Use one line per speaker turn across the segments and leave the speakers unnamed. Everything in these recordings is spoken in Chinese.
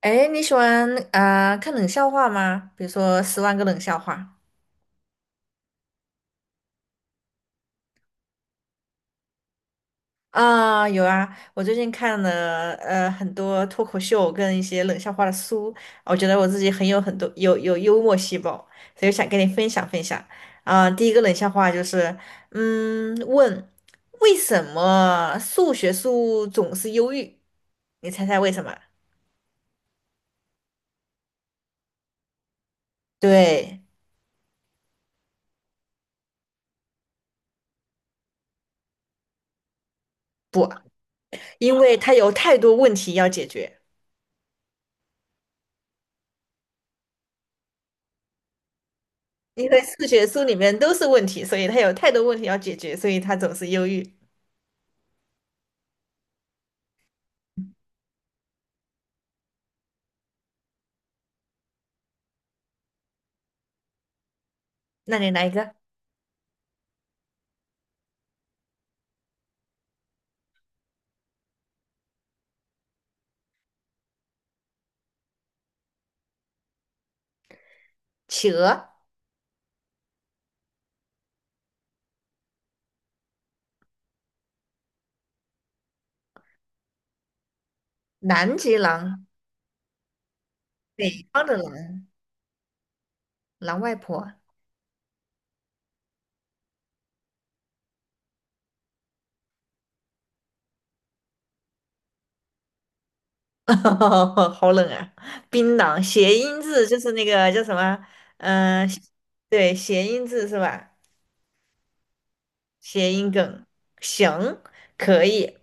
哎，你喜欢啊、看冷笑话吗？比如说《十万个冷笑话》啊，有啊，我最近看了很多脱口秀跟一些冷笑话的书，我觉得我自己很有很多有幽默细胞，所以想跟你分享分享啊、第一个冷笑话就是，嗯，问为什么数学书总是忧郁？你猜猜为什么？对，不，因为它有太多问题要解决。因为数学书里面都是问题，所以他有太多问题要解决，所以他总是忧郁。那你来一个企鹅、南极狼、北方的狼、狼外婆，好冷啊！槟榔谐音字就是那个叫什么？嗯、呃对，谐音字是吧？谐音梗，行，可以。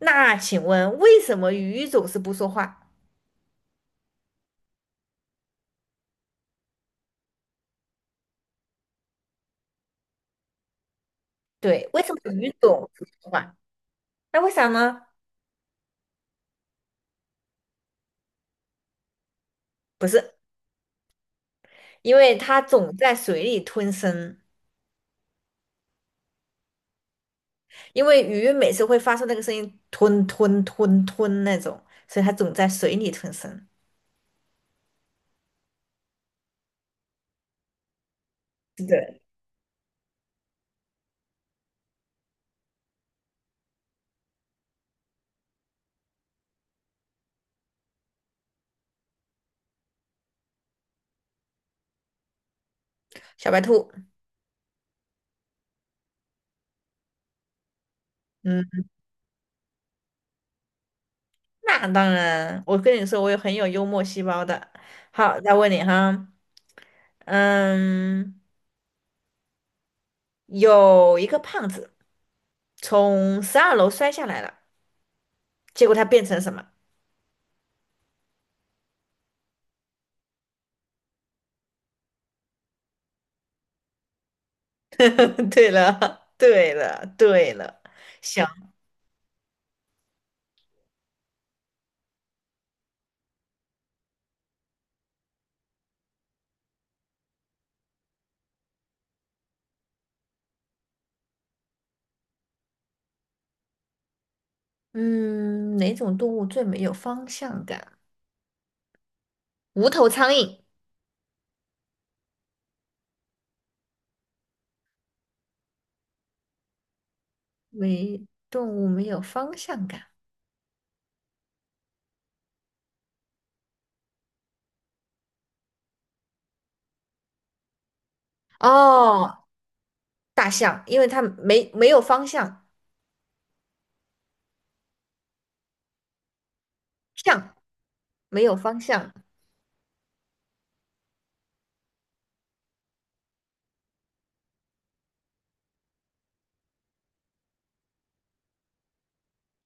那请问为什么鱼总是不说话？对，为什么鱼总是不说话？那为啥呢？不是，因为它总在水里吞声，因为鱼每次会发出那个声音，吞吞吞吞那种，所以它总在水里吞声。对，小白兔，嗯，那当然，我跟你说，我有很有幽默细胞的。好，再问你哈，嗯，有一个胖子从12楼摔下来了，结果他变成什么？对了，对了，对了，行，嗯，哪种动物最没有方向感？无头苍蝇。没动物没有方向感。哦，大象，因为它没有方向，象没有方向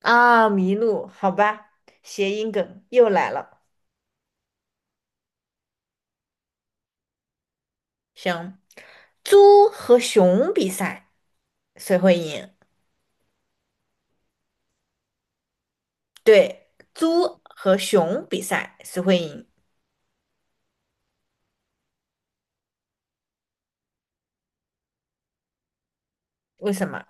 啊，麋鹿，好吧，谐音梗又来了。行，猪和熊比赛谁会赢？对，猪和熊比赛谁会赢？为什么？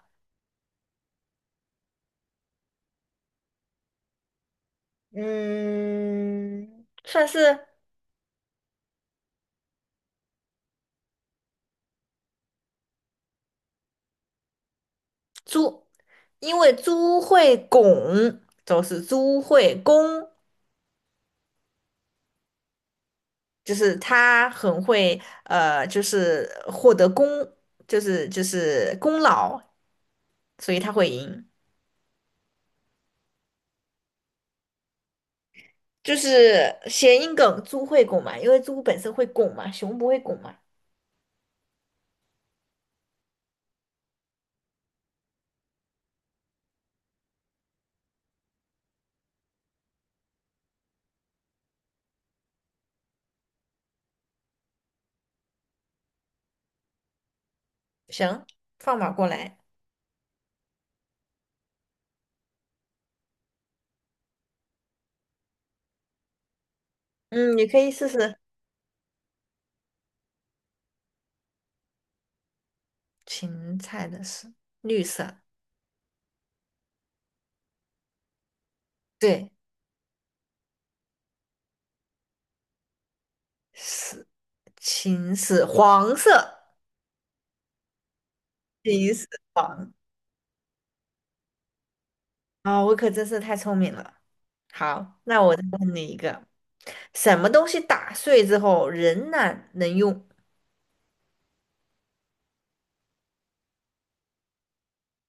嗯，算是猪，因为猪会拱，就是猪会攻，就是他很会，就是获得功，就是功劳，所以他会赢。就是谐音梗，猪会拱嘛，因为猪本身会拱嘛，熊不会拱嘛。行，放马过来，嗯，你可以试试芹菜的是绿色，对，是芹是黄色，芹是黄。啊、我可真是太聪明了。好，那我再问你一个，什么东西打碎之后仍然能用？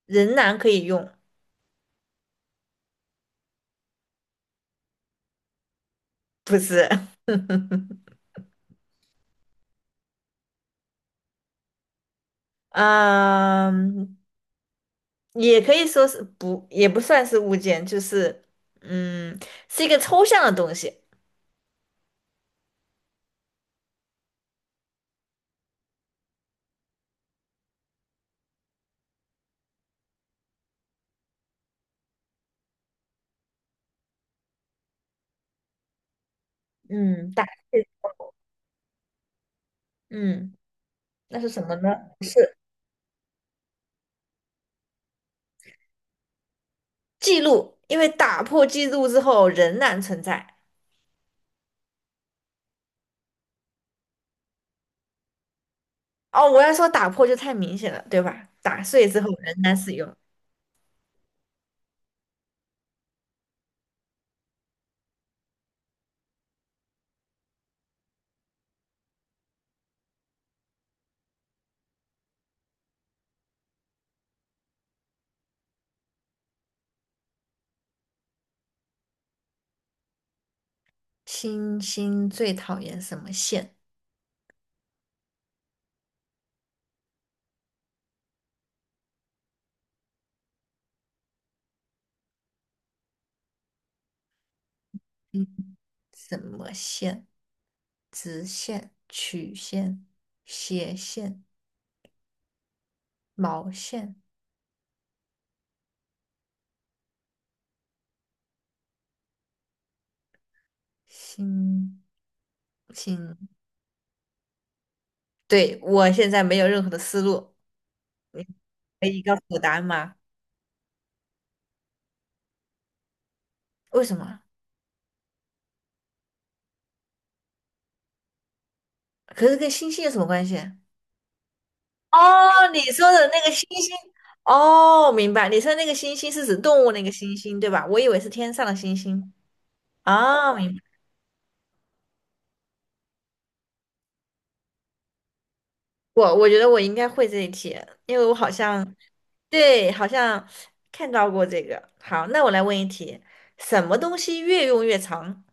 仍然可以用，不是？嗯，也可以说是不，也不算是物件，就是嗯，是一个抽象的东西。嗯，打，嗯，那是什么呢？记录，因为打破记录之后仍然存在。哦，我要说打破就太明显了，对吧？打碎之后仍然使用。星星最讨厌什么线？嗯，什么线？直线、曲线、斜线。毛线星星，对，我现在没有任何的思路，你可以告诉我答案吗？为什么？可是跟星星有什么关系？哦，你说的那个星星，哦，明白，你说那个星星是指动物那个星星，对吧？我以为是天上的星星。哦，明白。我我觉得我应该会这一题，因为我好像对，好像看到过这个。好，那我来问一题，什么东西越用越长？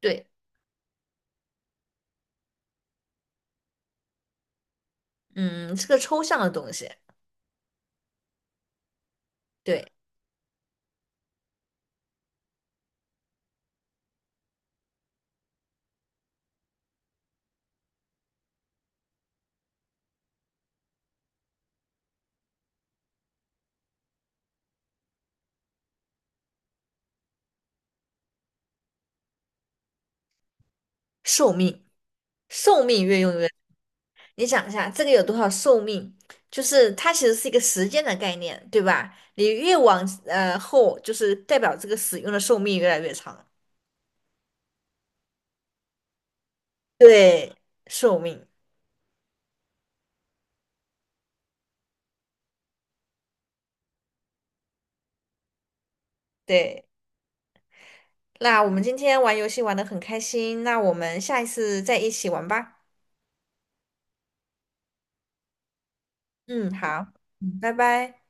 对，嗯，是个抽象的东西。对，寿命，寿命越用越，你想一下，这个有多少寿命？就是它其实是一个时间的概念，对吧？你越往后，就是代表这个使用的寿命越来越长。对，寿命，对。那我们今天玩游戏玩的很开心，那我们下一次再一起玩吧。嗯，好，嗯，拜拜。